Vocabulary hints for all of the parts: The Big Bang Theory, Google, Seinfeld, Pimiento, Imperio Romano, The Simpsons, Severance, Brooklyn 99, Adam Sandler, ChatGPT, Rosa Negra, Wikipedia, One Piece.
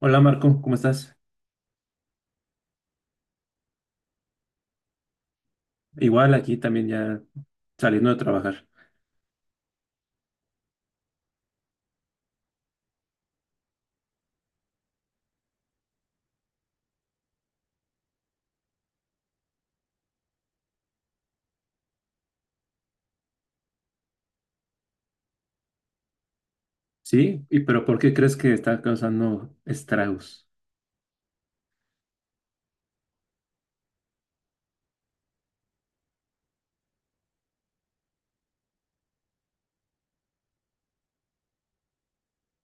Hola Marco, ¿cómo estás? Igual aquí también ya saliendo de trabajar. Sí, ¿pero ¿por qué crees que está causando estragos?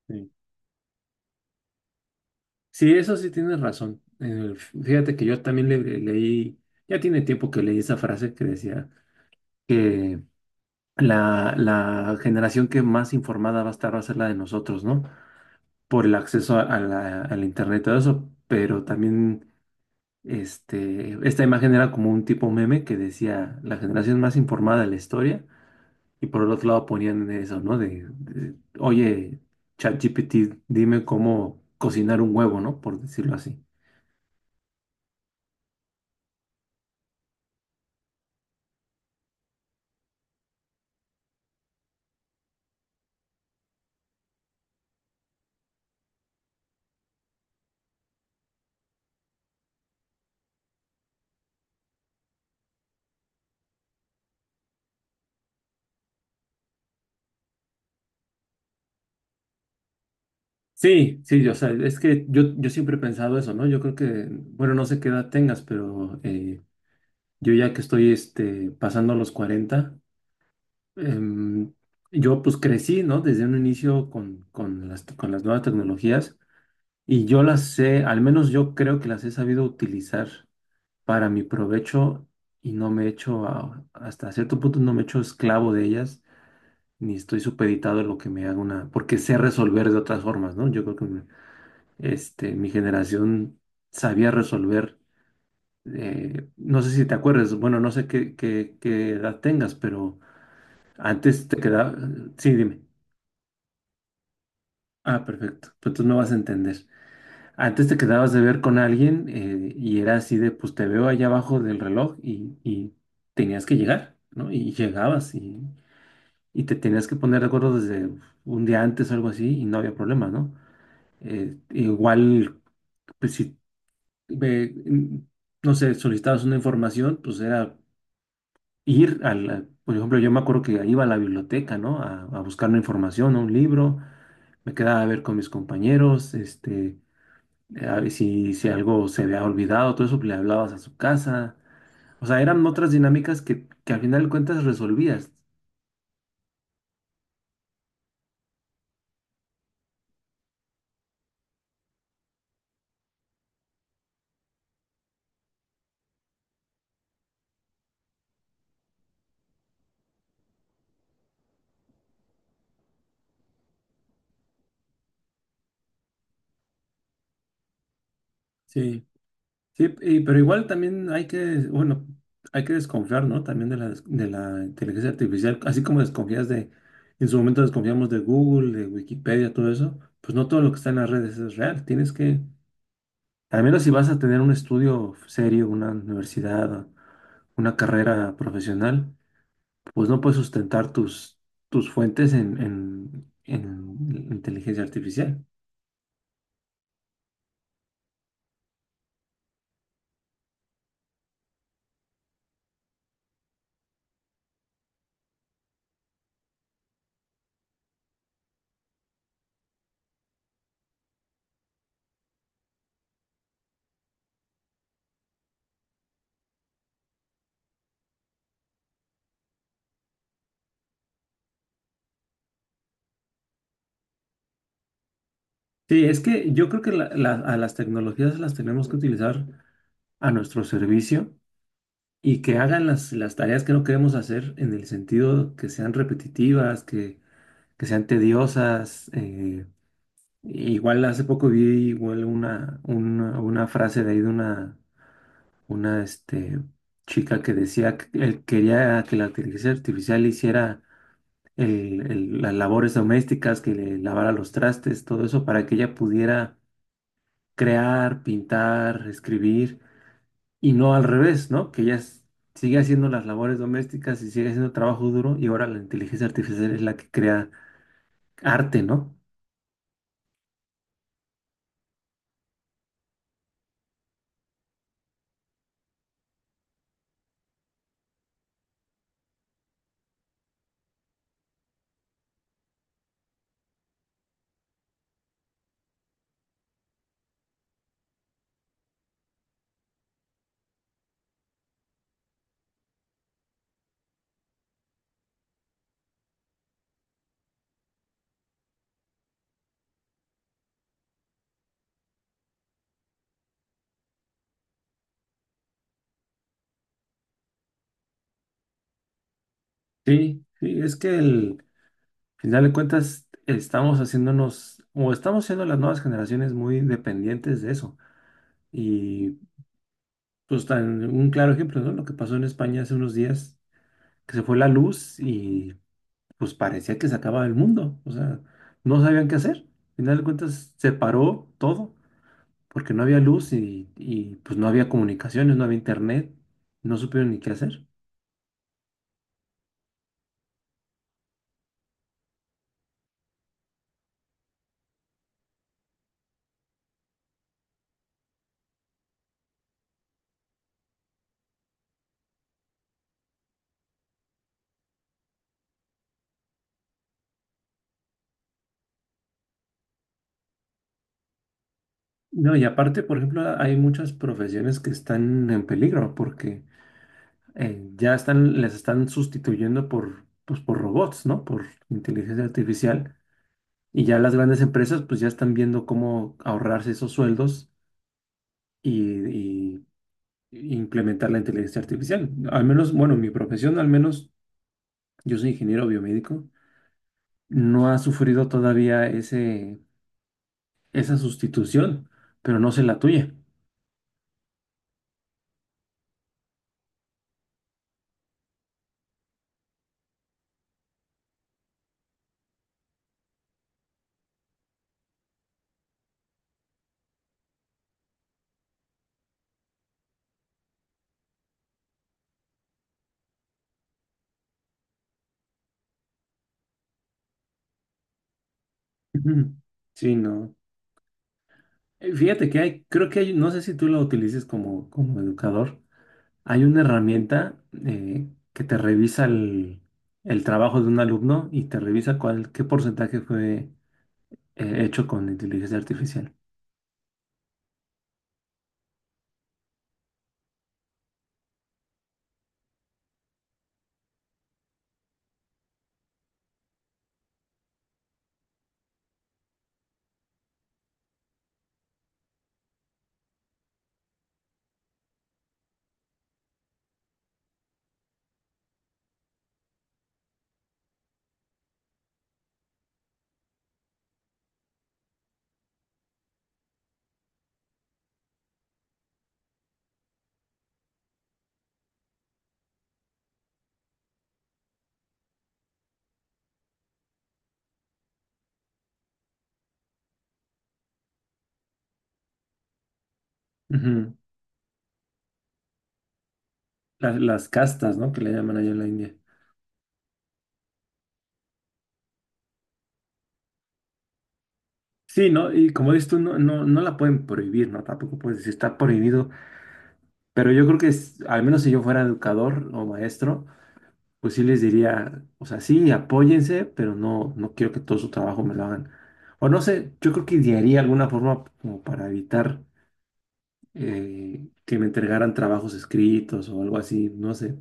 Sí, sí, eso sí tienes razón. Fíjate que yo también leí, ya tiene tiempo que leí esa frase que decía que la generación que más informada va a estar va a ser la de nosotros, ¿no? Por el acceso a al internet y todo eso, pero también esta imagen era como un tipo meme que decía la generación más informada de la historia. Y por el otro lado ponían eso, ¿no? Oye, ChatGPT, dime cómo cocinar un huevo, ¿no? Por decirlo así. Sí, sí, o sea, es que yo siempre he pensado eso, ¿no? Yo creo que, bueno, no sé qué edad tengas, pero yo ya que estoy pasando los 40 em, yo pues crecí, ¿no? Desde un inicio con con las nuevas tecnologías y yo las sé, al menos yo creo que las he sabido utilizar para mi provecho y no me he hecho, hasta cierto punto no me he hecho esclavo de ellas, ni estoy supeditado a lo que me haga una, porque sé resolver de otras formas, ¿no? Yo creo que mi generación sabía resolver. No sé si te acuerdas, bueno, no sé qué edad tengas, pero antes te quedaba, sí, dime. Ah, perfecto, pues tú me vas a entender. Antes te quedabas de ver con alguien, y era así de, pues te veo allá abajo del reloj y tenías que llegar, ¿no? Y llegabas y te tenías que poner de acuerdo desde un día antes o algo así y no había problema, ¿no? Igual, pues si, eh, n- no sé, solicitabas una información, pues era ir a la, por ejemplo, yo me acuerdo que iba a la biblioteca, ¿no? A buscar una información, a un libro, me quedaba a ver con mis compañeros, si, si algo se había olvidado, todo eso, pues, le hablabas a su casa. O sea, eran otras dinámicas que al final de cuentas resolvías. Sí, sí, y- pero igual también hay que, bueno, hay que desconfiar, ¿no? También de la inteligencia artificial, así como desconfías de, en su momento desconfiamos de Google, de Wikipedia, todo eso, pues no todo lo que está en las redes es real. Tienes que, al menos si vas a tener un estudio serio, una universidad, una carrera profesional, pues no puedes sustentar tus fuentes en inteligencia artificial. Sí, es que yo creo que a las tecnologías las tenemos que utilizar a nuestro servicio y que hagan las tareas que no queremos hacer en el sentido que sean repetitivas, que sean tediosas. Igual hace poco vi igual una frase de ahí de una chica que decía que él quería que la inteligencia artificial hiciera las labores domésticas, que le lavara los trastes, todo eso, para que ella pudiera crear, pintar, escribir, y no al revés, ¿no? Que sigue haciendo las labores domésticas y sigue haciendo trabajo duro, y ahora la inteligencia artificial es la que crea arte, ¿no? Sí, sí, es que el al final de cuentas estamos haciéndonos, o estamos siendo las nuevas generaciones muy dependientes de eso. Y pues tan un claro ejemplo, ¿no? Lo que pasó en España hace unos días, que se fue la luz y pues parecía que se acababa el mundo. O sea, no sabían qué hacer. Al final de cuentas, se paró todo, porque no había luz pues no había comunicaciones, no había internet, no supieron ni qué hacer. No, y aparte, por ejemplo, hay muchas profesiones que están en peligro porque ya están, les están sustituyendo por, pues, por robots, ¿no? Por inteligencia artificial. Y ya las grandes empresas pues ya están viendo cómo ahorrarse esos sueldos y implementar la inteligencia artificial. Al menos, bueno, mi profesión, al menos yo soy ingeniero biomédico, no ha sufrido todavía esa sustitución, pero no sé la tuya. Ujú. Sí, no. Fíjate que hay, creo que hay, no sé si tú lo utilices como, como educador, hay una herramienta que te revisa el trabajo de un alumno y te revisa cuál, qué porcentaje fue hecho con inteligencia artificial. Ujú. Las castas, ¿no? Que le llaman allá en la India. Sí, ¿no? Y como dices tú, no, no, no la pueden prohibir, ¿no? Tampoco puedes decir está prohibido, pero yo creo que es- al menos si yo fuera educador o maestro, pues sí les diría, o sea, sí, apóyense, pero no, no quiero que todo su trabajo me lo hagan. O no sé, yo creo que idearía alguna forma como para evitar que me entregaran trabajos escritos o algo así, no sé.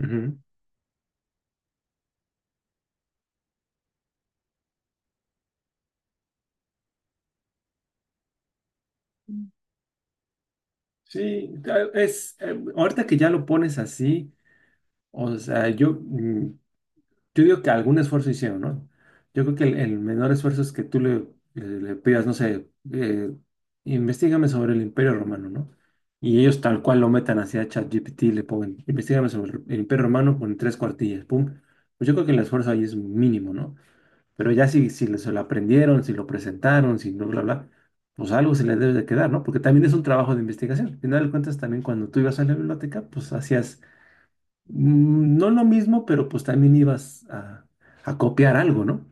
Ujú. Sí, ahorita que ya lo pones así, o sea, yo, yo digo que algún esfuerzo hicieron, ¿no? Yo creo que el menor esfuerzo es que tú le pidas, no sé, investígame sobre el Imperio Romano, ¿no? Y ellos tal cual lo metan hacia ChatGPT, le ponen, investígame sobre el Imperio Romano con 3 cuartillas, pum. Pues yo creo que el esfuerzo ahí es mínimo, ¿no? Pero ya si, se lo aprendieron, si lo presentaron, si no, bla, bla, pues algo se les debe de quedar, ¿no? Porque también es un trabajo de investigación. Al final de cuentas, también cuando tú ibas a la biblioteca, pues hacías, mm, no lo mismo, pero pues también ibas a copiar algo, ¿no?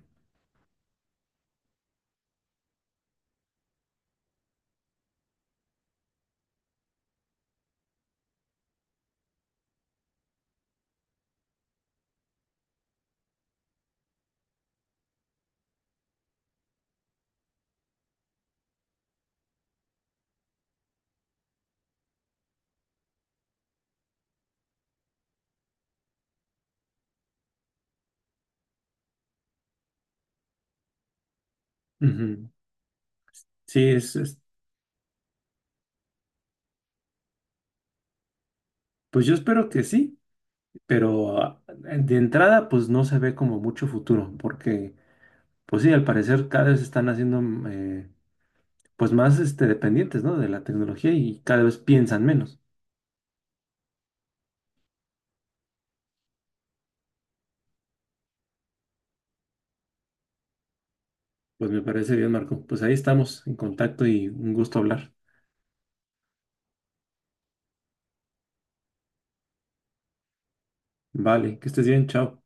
Ujú. Sí, es- pues yo espero que sí, pero de entrada pues no se ve como mucho futuro, porque pues sí, al parecer cada vez están haciendo pues más dependientes, ¿no? De la tecnología y cada vez piensan menos. Pues me parece bien, Marco. Pues ahí estamos en contacto y un gusto hablar. Vale, que estés bien, chao.